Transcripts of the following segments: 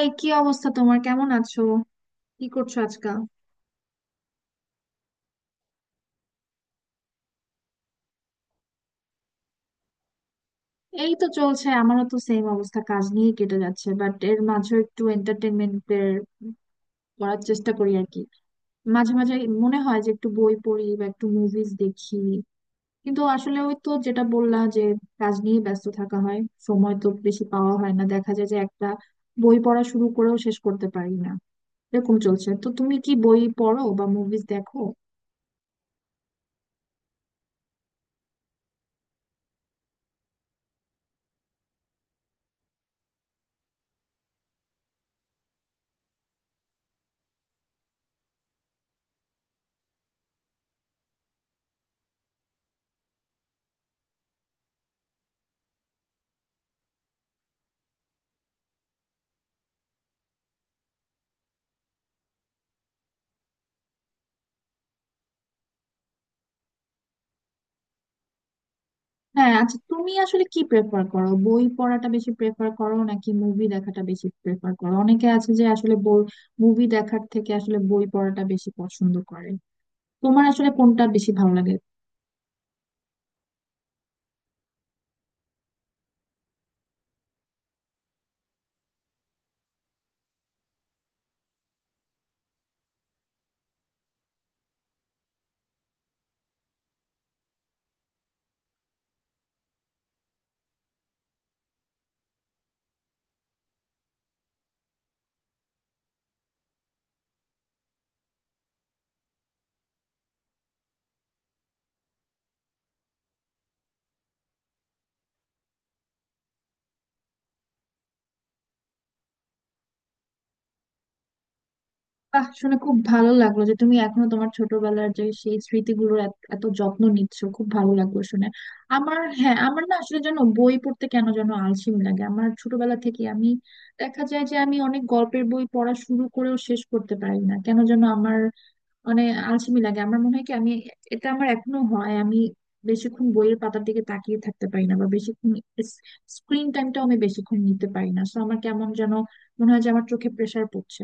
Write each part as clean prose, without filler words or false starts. এই কি অবস্থা, তোমার কেমন আছো? কি করছো আজকাল? এই তো চলছে, আমারও তো সেম অবস্থা, কাজ নিয়ে কেটে যাচ্ছে, বাট এর মাঝে একটু এন্টারটেনমেন্ট করার চেষ্টা করি আর কি। মাঝে মাঝে মনে হয় যে একটু বই পড়ি বা একটু মুভিজ দেখি, কিন্তু আসলে ওই তো যেটা বললা, যে কাজ নিয়ে ব্যস্ত থাকা হয়, সময় তো বেশি পাওয়া হয় না, দেখা যায় যে একটা বই পড়া শুরু করেও শেষ করতে পারি না। এরকম চলছে, তো তুমি কি বই পড়ো বা মুভিজ দেখো? হ্যাঁ, আচ্ছা, তুমি আসলে কি প্রেফার করো, বই পড়াটা বেশি প্রেফার করো নাকি মুভি দেখাটা বেশি প্রেফার করো? অনেকে আছে যে আসলে বই মুভি দেখার থেকে আসলে বই পড়াটা বেশি পছন্দ করে। তোমার আসলে কোনটা বেশি ভালো লাগে? বাহ, শুনে খুব ভালো লাগলো যে তুমি এখনো তোমার ছোটবেলার যে সেই স্মৃতিগুলোর এত এত যত্ন নিচ্ছ, খুব ভালো লাগলো শুনে। আমার হ্যাঁ আমার না আসলে যেন বই পড়তে কেন যেন আলসেমি লাগে আমার, ছোটবেলা থেকে আমি দেখা যায় যে আমি অনেক গল্পের বই পড়া শুরু করেও শেষ করতে পারি না, কেন যেন আমার মানে আলসেমি লাগে। আমার মনে হয় কি, আমি এটা আমার এখনো হয়, আমি বেশিক্ষণ বইয়ের পাতার দিকে তাকিয়ে থাকতে পারি না, বা বেশিক্ষণ স্ক্রিন টাইমটাও আমি বেশিক্ষণ নিতে পারি না, সো আমার কেমন যেন মনে হয় যে আমার চোখে প্রেসার পড়ছে।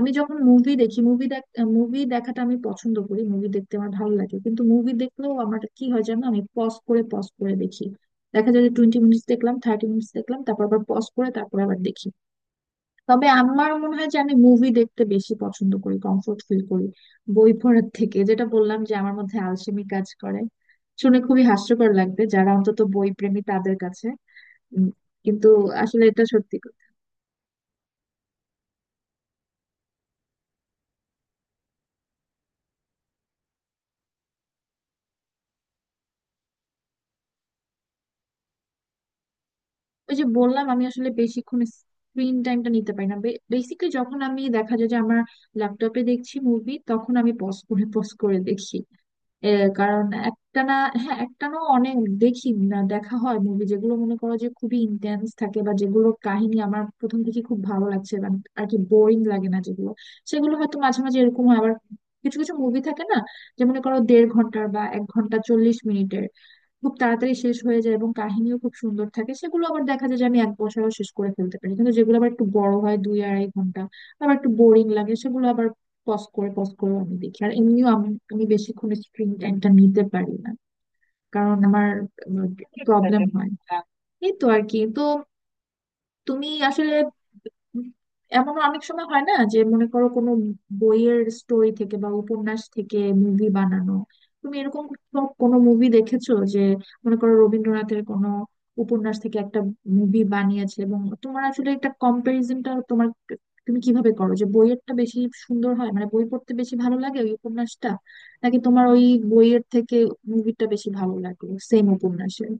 আমি যখন মুভি দেখি, মুভি দেখাটা আমি পছন্দ করি, মুভি দেখতে আমার ভালো লাগে, কিন্তু মুভি দেখলেও আমার কি হয় জানো, আমি পজ করে পজ করে দেখি। দেখা যায় যে 20 মিনিটস দেখলাম, 30 মিনিটস দেখলাম, তারপর আবার পজ করে তারপর আবার দেখি। তবে আমার মনে হয় যে আমি মুভি দেখতে বেশি পছন্দ করি, কমফোর্ট ফিল করি বই পড়ার থেকে, যেটা বললাম যে আমার মধ্যে আলসেমি কাজ করে। শুনে খুবই হাস্যকর লাগবে যারা অন্তত বই প্রেমী তাদের কাছে, উম, কিন্তু আসলে এটা সত্যি কথা। ওই যে বললাম আমি আসলে বেশিক্ষণ স্ক্রিন টাইমটা নিতে পারি না, বেসিক্যালি যখন আমি দেখা যায় যে আমার ল্যাপটপে দেখছি মুভি, তখন আমি পজ করে পজ করে দেখি। এ কারণ একটানা, হ্যাঁ একটানা অনেক দেখি না, দেখা হয় মুভি যেগুলো মনে করো যে খুবই ইন্টেন্স থাকে, বা যেগুলোর কাহিনী আমার প্রথম থেকে খুব ভালো লাগছে, বা আর কি বোরিং লাগে না যেগুলো, সেগুলো হয়তো মাঝে মাঝে এরকম হয়। আবার কিছু কিছু মুভি থাকে না, যে মনে করো দেড় ঘন্টার বা এক ঘন্টা 40 মিনিটের, খুব তাড়াতাড়ি শেষ হয়ে যায় এবং কাহিনীও খুব সুন্দর থাকে, সেগুলো আবার দেখা যায় যে আমি এক বসায়ও শেষ করে ফেলতে পারি। কিন্তু যেগুলো আবার একটু বড় হয়, দুই আড়াই ঘন্টা, আবার একটু বোরিং লাগে, সেগুলো আবার পজ করে পজ করে আমি দেখি। আর এমনিও আমি, আমি বেশিক্ষণ স্ক্রিন টাইমটা নিতে পারি না, কারণ আমার ঠিক প্রবলেম আছে হয়। এই তো আর কি, তো তুমি আসলে এমন অনেক সময় হয় না যে মনে করো কোনো বইয়ের স্টোরি থেকে বা উপন্যাস থেকে মুভি বানানো, তুমি এরকম কোনো কোনো মুভি দেখেছো যে মনে করো রবীন্দ্রনাথের কোনো উপন্যাস থেকে একটা মুভি বানিয়েছে, এবং তোমার আসলে একটা কম্পারিজনটা তোমার তুমি কিভাবে করো, যে বইয়েরটা বেশি সুন্দর হয়, মানে বই পড়তে বেশি ভালো লাগে ওই উপন্যাসটা, নাকি তোমার ওই বইয়ের থেকে মুভিটা বেশি ভালো লাগে সেম উপন্যাসের?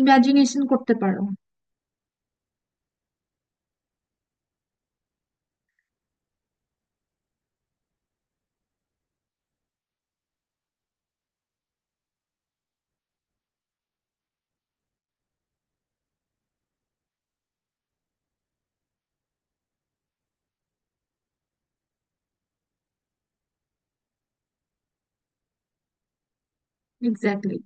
ইমাজিনেশন করতে পারো। এক্স্যাক্টলি।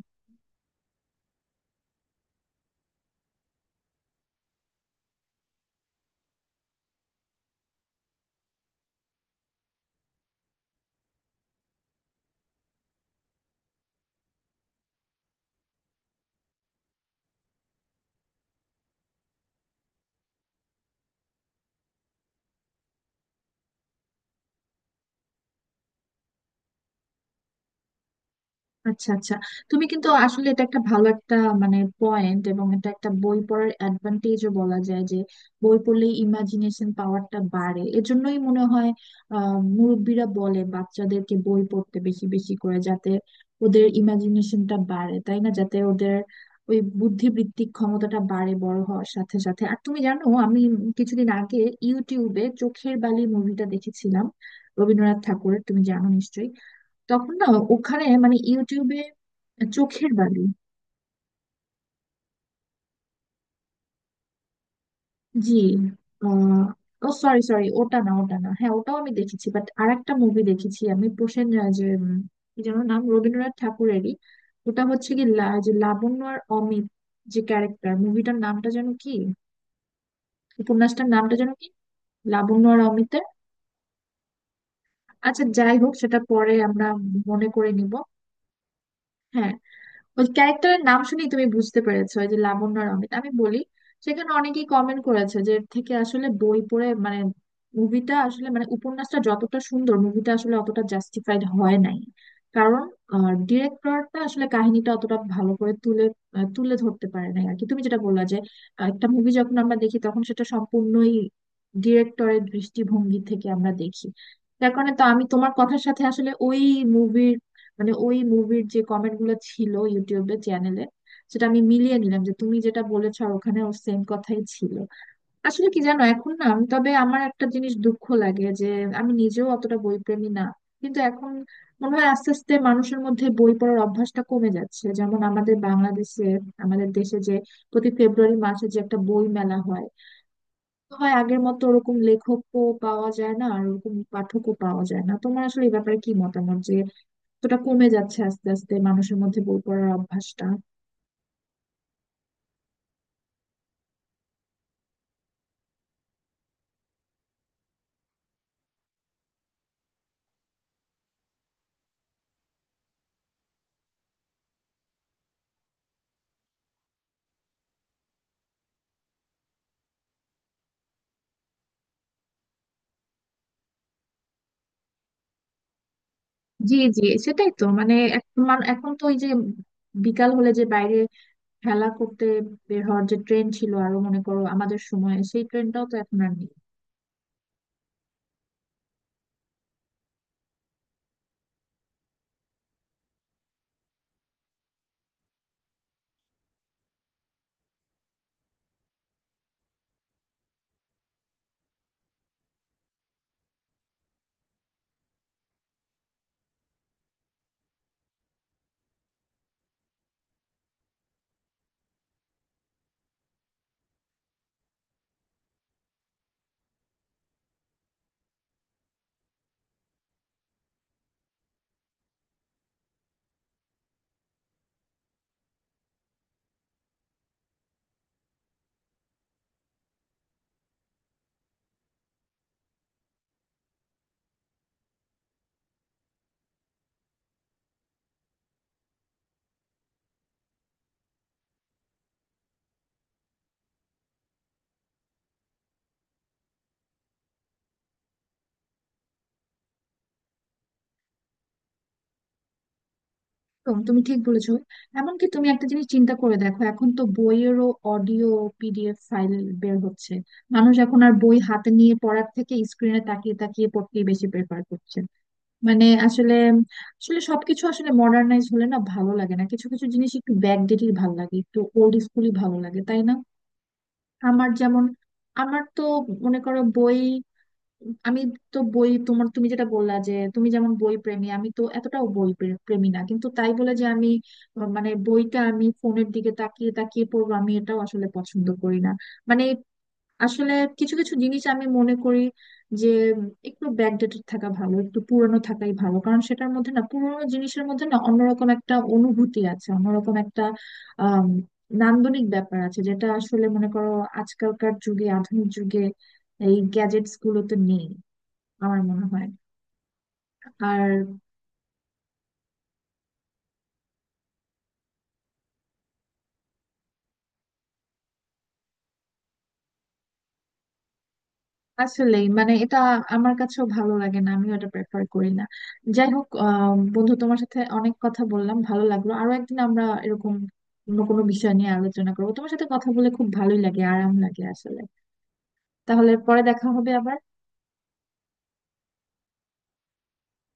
আচ্ছা আচ্ছা, তুমি কিন্তু আসলে এটা একটা ভালো একটা মানে পয়েন্ট, এবং এটা একটা বই পড়ার অ্যাডভান্টেজও বলা যায়, যে বই পড়লে ইমাজিনেশন পাওয়ারটা বাড়ে। এজন্যই মনে হয় আহ মুরব্বীরা বলে বাচ্চাদেরকে বই পড়তে বেশি বেশি করে, যাতে ওদের ইমাজিনেশনটা বাড়ে, তাই না, যাতে ওদের ওই বুদ্ধিবৃত্তিক ক্ষমতাটা বাড়ে বড় হওয়ার সাথে সাথে। আর তুমি জানো আমি কিছুদিন আগে ইউটিউবে চোখের বালি মুভিটা দেখেছিলাম, রবীন্দ্রনাথ ঠাকুরের, তুমি জানো নিশ্চয়ই তখন না, ওখানে মানে ইউটিউবে। চোখের বালি। জি। আহ, ও সরি সরি, ওটা না ওটা না, হ্যাঁ ওটাও আমি দেখেছি, বাট আরেকটা মুভি দেখেছি আমি, প্রসেন রাজ এর, কি যেন নাম, রবীন্দ্রনাথ ঠাকুরেরই। ওটা হচ্ছে কি যে লাবণ্য আর অমিত যে ক্যারেক্টার, মুভিটার নামটা যেন কি, উপন্যাসটার নামটা যেন কি, লাবণ্য আর অমিতের। আচ্ছা যাই হোক সেটা পরে আমরা মনে করে নিব। হ্যাঁ, ওই ক্যারেক্টারের নাম শুনেই তুমি বুঝতে পেরেছো, ওই যে লাবণ্য আর অমিত আমি বলি। সেখানে অনেকেই কমেন্ট করেছে যে এর থেকে আসলে বই পড়ে, মানে মুভিটা আসলে, মানে উপন্যাসটা যতটা সুন্দর মুভিটা আসলে অতটা জাস্টিফাইড হয় নাই, কারণ ডিরেক্টরটা আসলে কাহিনীটা অতটা ভালো করে তুলে ধরতে পারে নাই আর কি। তুমি যেটা বললা যে একটা মুভি যখন আমরা দেখি তখন সেটা সম্পূর্ণই ডিরেক্টরের দৃষ্টিভঙ্গি থেকে আমরা দেখি, যার কারণে তো আমি তোমার কথার সাথে আসলে ওই মুভির, মানে ওই মুভির যে কমেন্ট গুলো ছিল ইউটিউবে চ্যানেলে, সেটা আমি মিলিয়ে নিলাম যে তুমি যেটা বলেছো আর ওখানে ওর সেম কথাই ছিল। আসলে কি জানো এখন না তবে আমার একটা জিনিস দুঃখ লাগে যে আমি নিজেও অতটা বইপ্রেমী না, কিন্তু এখন মনে হয় আস্তে আস্তে মানুষের মধ্যে বই পড়ার অভ্যাসটা কমে যাচ্ছে, যেমন আমাদের বাংলাদেশে, আমাদের দেশে যে প্রতি ফেব্রুয়ারি মাসে যে একটা বই মেলা হয়, হয় আগের মতো ওরকম লেখকও পাওয়া যায় না আর ওরকম পাঠকও পাওয়া যায় না। তোমার আসলে এই ব্যাপারে কি মতামত, যে এতটা কমে যাচ্ছে আস্তে আস্তে মানুষের মধ্যে বই পড়ার অভ্যাসটা? জি জি, সেটাই তো মানে এখন তো ওই যে বিকাল হলে যে বাইরে খেলা করতে বের হওয়ার যে ট্রেন ছিল আরো, মনে করো আমাদের সময়, সেই ট্রেনটাও তো এখন আর নেই। একদম, তুমি ঠিক বলেছো। এমনকি তুমি একটা জিনিস চিন্তা করে দেখো, এখন তো বইয়েরও অডিও, PDF ফাইল বের হচ্ছে, মানুষ এখন আর বই হাতে নিয়ে পড়ার থেকে স্ক্রিনে তাকিয়ে তাকিয়ে পড়তেই বেশি প্রেফার করছে। মানে আসলে, আসলে সবকিছু আসলে মডার্নাইজ হলে না ভালো লাগে না, কিছু কিছু জিনিস একটু ব্যাকডেটেড ভালো লাগে, একটু ওল্ড স্কুলই ভালো লাগে তাই না। আমার যেমন আমার তো মনে করো বই, আমি তো বই, তোমার তুমি যেটা বললা যে তুমি যেমন বই প্রেমী আমি তো এতটাও বই প্রেমী না, কিন্তু তাই বলে যে আমি মানে বইটা আমি ফোনের দিকে তাকিয়ে তাকিয়ে পড়বো, আমি এটাও আসলে পছন্দ করি না। মানে আসলে কিছু কিছু জিনিস আমি মনে করি যে একটু ব্যাকডেটেড থাকা ভালো, একটু পুরনো থাকাই ভালো, কারণ সেটার মধ্যে না, পুরনো জিনিসের মধ্যে না অন্যরকম একটা অনুভূতি আছে, অন্যরকম একটা আম, নান্দনিক ব্যাপার আছে, যেটা আসলে মনে করো আজকালকার যুগে, আধুনিক যুগে এই গ্যাজেটস গুলোতে নেই আমার মনে হয়। আর আসলেই মানে এটা আমার কাছেও ভালো লাগে না, আমি এটা প্রেফার করি না। যাই হোক বন্ধু, তোমার সাথে অনেক কথা বললাম ভালো লাগলো, আরো একদিন আমরা এরকম অন্য কোনো বিষয় নিয়ে আলোচনা করবো, তোমার সাথে কথা বলে খুব ভালোই লাগে, আরাম লাগে আসলে। তাহলে পরে দেখা হবে আবার।